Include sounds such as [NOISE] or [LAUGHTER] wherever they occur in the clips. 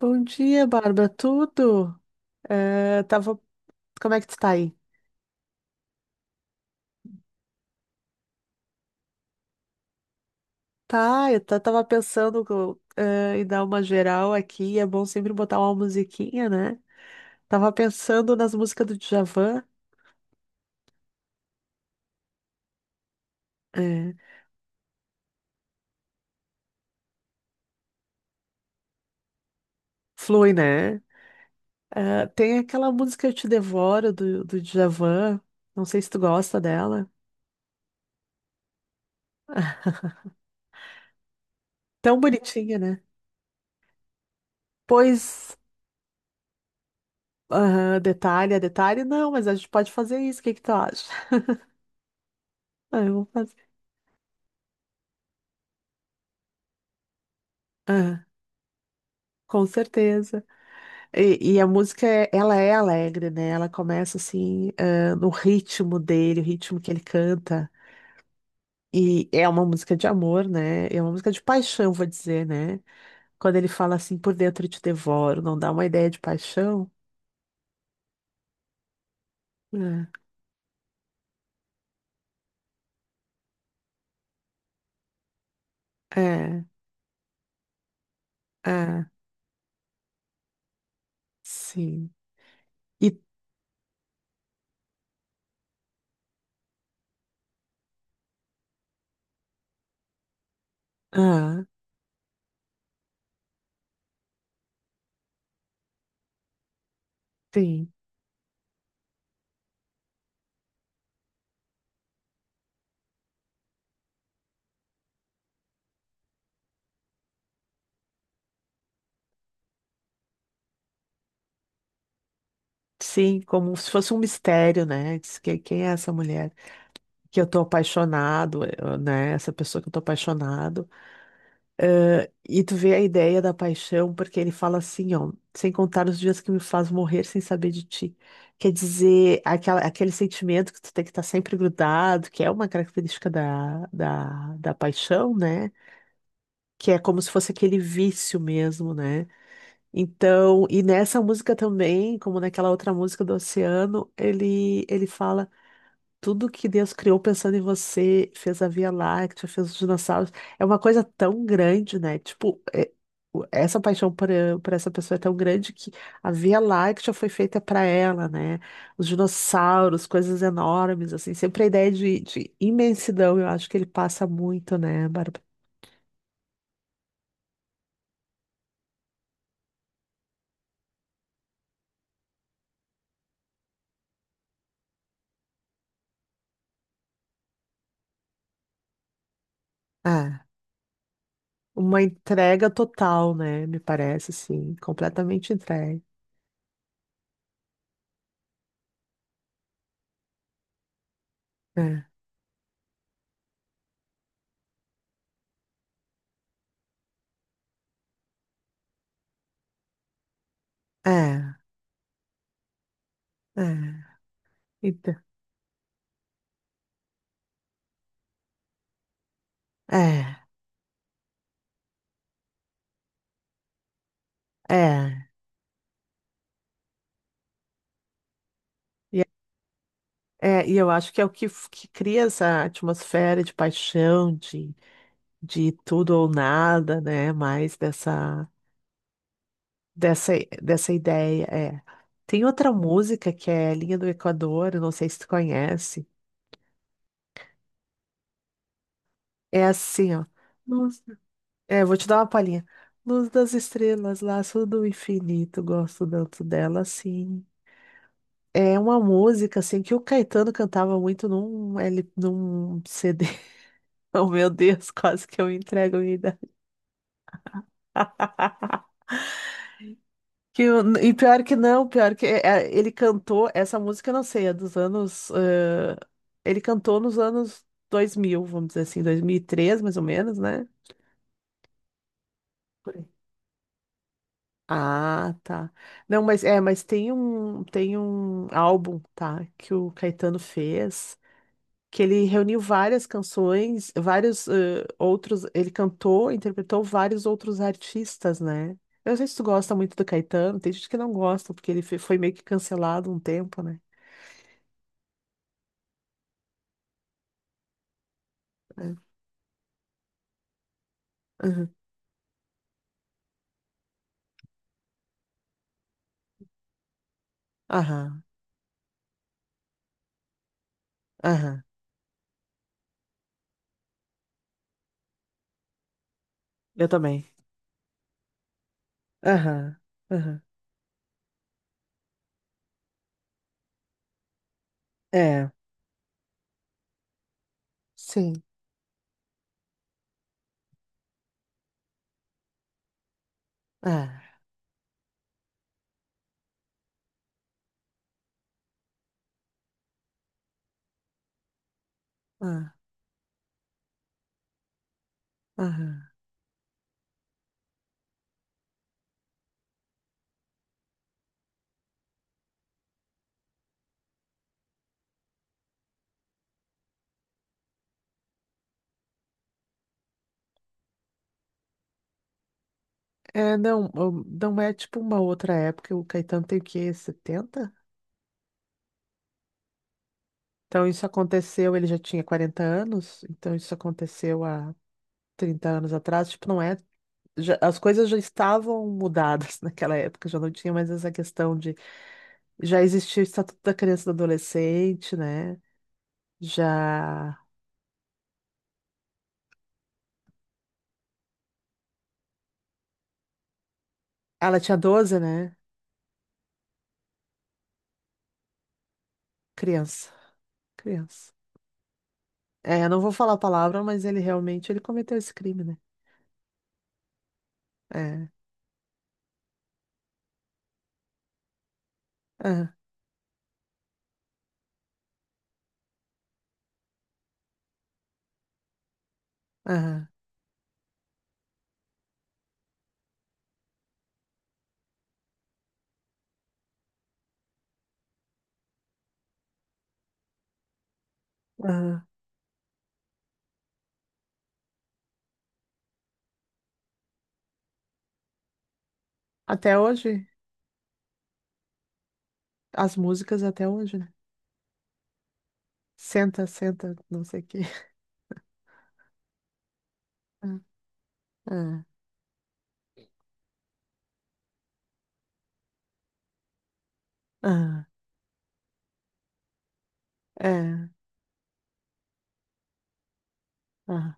Bom dia, Bárbara. Tudo? Eh, tava... Como é que tu tá aí? Tá, tava pensando em dar uma geral aqui. É bom sempre botar uma musiquinha, né? Tava pensando nas músicas do Djavan. É, flui, né? Tem aquela música Eu Te Devoro do Djavan. Não sei se tu gosta dela. [LAUGHS] Tão bonitinha, né? Pois, aham, detalhe, é detalhe, não, mas a gente pode fazer isso. O que que tu acha? [LAUGHS] Ah, eu vou fazer. Ah, com certeza. E a música, ela é alegre, né? Ela começa assim, ah, no ritmo dele, o ritmo que ele canta. E é uma música de amor, né? É uma música de paixão, vou dizer, né? Quando ele fala assim, por dentro eu te devoro, não dá uma ideia de paixão? É, é, é, sim. E, ah, sim, sim, como se fosse um mistério, né? Quem é essa mulher que eu tô apaixonado, né? Essa pessoa que eu tô apaixonado. E tu vê a ideia da paixão, porque ele fala assim, ó, sem contar os dias que me faz morrer sem saber de ti. Quer dizer, aquela, aquele sentimento que tu tem que estar sempre grudado, que é uma característica da paixão, né? Que é como se fosse aquele vício mesmo, né? Então, e nessa música também, como naquela outra música do Oceano, ele fala. Tudo que Deus criou pensando em você, fez a Via Láctea, fez os dinossauros, é uma coisa tão grande, né? Tipo, essa paixão por essa pessoa é tão grande que a Via Láctea foi feita para ela, né? Os dinossauros, coisas enormes, assim, sempre a ideia de imensidão, eu acho que ele passa muito, né, Bárbara? Ah, uma entrega total, né? Me parece, assim, completamente entregue. É, é, é. Então, é, é. E É, e eu acho que é o que, que cria essa atmosfera de paixão, de tudo ou nada, né? Mais dessa, dessa, dessa ideia. É. Tem outra música que é Linha do Equador, eu não sei se tu conhece. É assim, ó. Luz- É, vou te dar uma palhinha. Luz das estrelas, laço do infinito, gosto tanto dela, sim. É uma música, assim, que o Caetano cantava muito num CD. [LAUGHS] Oh, meu Deus, quase que eu entrego a minha idade. [LAUGHS] E pior que não, pior que é, é, ele cantou essa música, eu não sei, é dos ele cantou nos anos dois mil, vamos dizer assim, dois mil e três, mais ou menos, né? Por aí. Ah, tá. Não, mas é, mas tem um álbum, tá, que o Caetano fez, que ele reuniu várias canções, vários outros, ele cantou, interpretou vários outros artistas, né? Eu não sei se tu gosta muito do Caetano, tem gente que não gosta, porque ele foi meio que cancelado um tempo, né? É. Aham, aham, aham. Eu também. Aham, aham. É, sim. Ah, ah, aham. É, não, não é tipo uma outra época, o Caetano tem o quê? Setenta. Então isso aconteceu, ele já tinha 40 anos, então isso aconteceu há 30 anos atrás, tipo, não é. As coisas já estavam mudadas [LAUGHS] naquela época, já não tinha mais essa questão de. Já existia o Estatuto da Criança e do Adolescente, né? Já. Ah, ela tinha doze, né? Criança. Criança. É, eu não vou falar a palavra, mas ele realmente ele cometeu esse crime, né? É. Aham, aham, aham. Até hoje, as músicas até hoje, né? Senta, senta, não sei o quê. [LAUGHS] Ah, ah, ah, é, ah.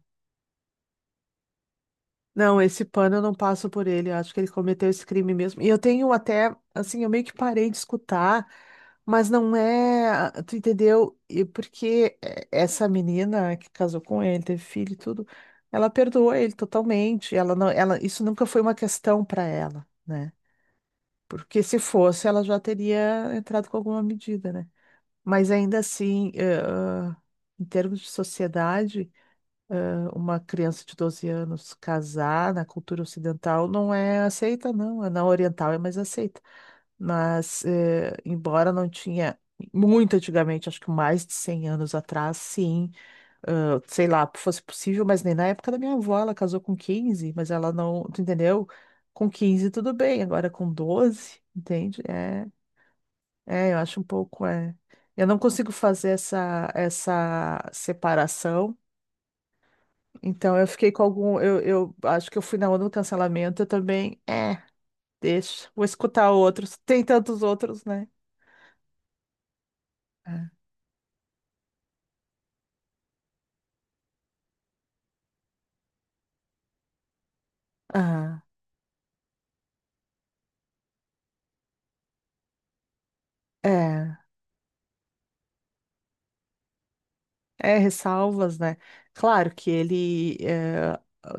Não, esse pano eu não passo por ele. Eu acho que ele cometeu esse crime mesmo. E eu tenho até, assim, eu meio que parei de escutar, mas não é, ah, tu entendeu? E porque essa menina que casou com ele, teve filho e tudo, ela perdoou ele totalmente. Ela, isso nunca foi uma questão para ela, né? Porque se fosse, ela já teria entrado com alguma medida, né? Mas ainda assim, em termos de sociedade, uma criança de 12 anos casar na cultura ocidental não é aceita, não. É, na oriental é mais aceita. Mas, embora não tinha muito antigamente, acho que mais de 100 anos atrás, sim, ah, sei lá, fosse possível, mas nem na época da minha avó, ela casou com quinze, mas ela não, tu entendeu? Com 15 tudo bem, agora com doze, entende? É, é, eu acho um pouco, é. Eu não consigo fazer essa separação. Então eu fiquei com algum. Eu acho que eu fui na onda do cancelamento. Eu também. É, deixa. Vou escutar outros. Tem tantos outros, né? É. Ah, é. É, ressalvas, né? Claro que ele.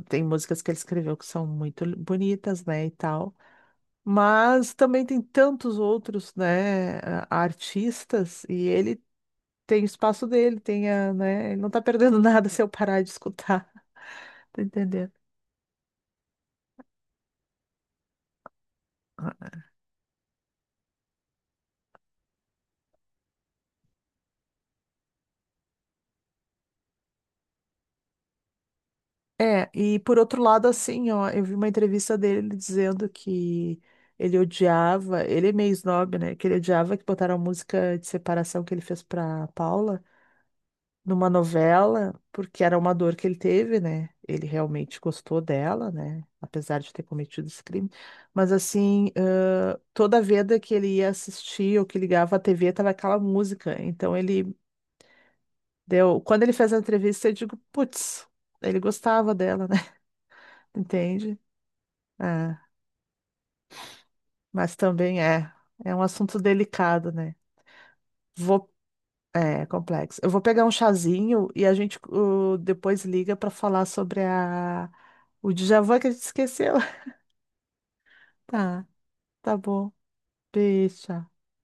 Tem músicas que ele escreveu que são muito bonitas, né? E tal. Mas também tem tantos outros, né? Ah, artistas. E ele tem o espaço dele, tem a, né? Ele não tá perdendo [LAUGHS] nada se eu parar de escutar. [LAUGHS] Tá entendendo? É, e por outro lado, assim, ó, eu vi uma entrevista dele dizendo que ele odiava, ele é meio snob, né? Que ele odiava que botaram a música de separação que ele fez pra Paula numa novela, porque era uma dor que ele teve, né? Ele realmente gostou dela, né? Apesar de ter cometido esse crime. Mas assim, toda vez que ele ia assistir ou que ligava a TV, tava aquela música. Então ele deu. Quando ele fez a entrevista, eu digo, putz, ele gostava dela, né? [LAUGHS] Entende? É, mas também é. É um assunto delicado, né? Vou, é complexo. Eu vou pegar um chazinho e a gente depois liga para falar sobre a, o déjà vu que a gente esqueceu. [LAUGHS] Tá, tá bom. Beijo. Tchau.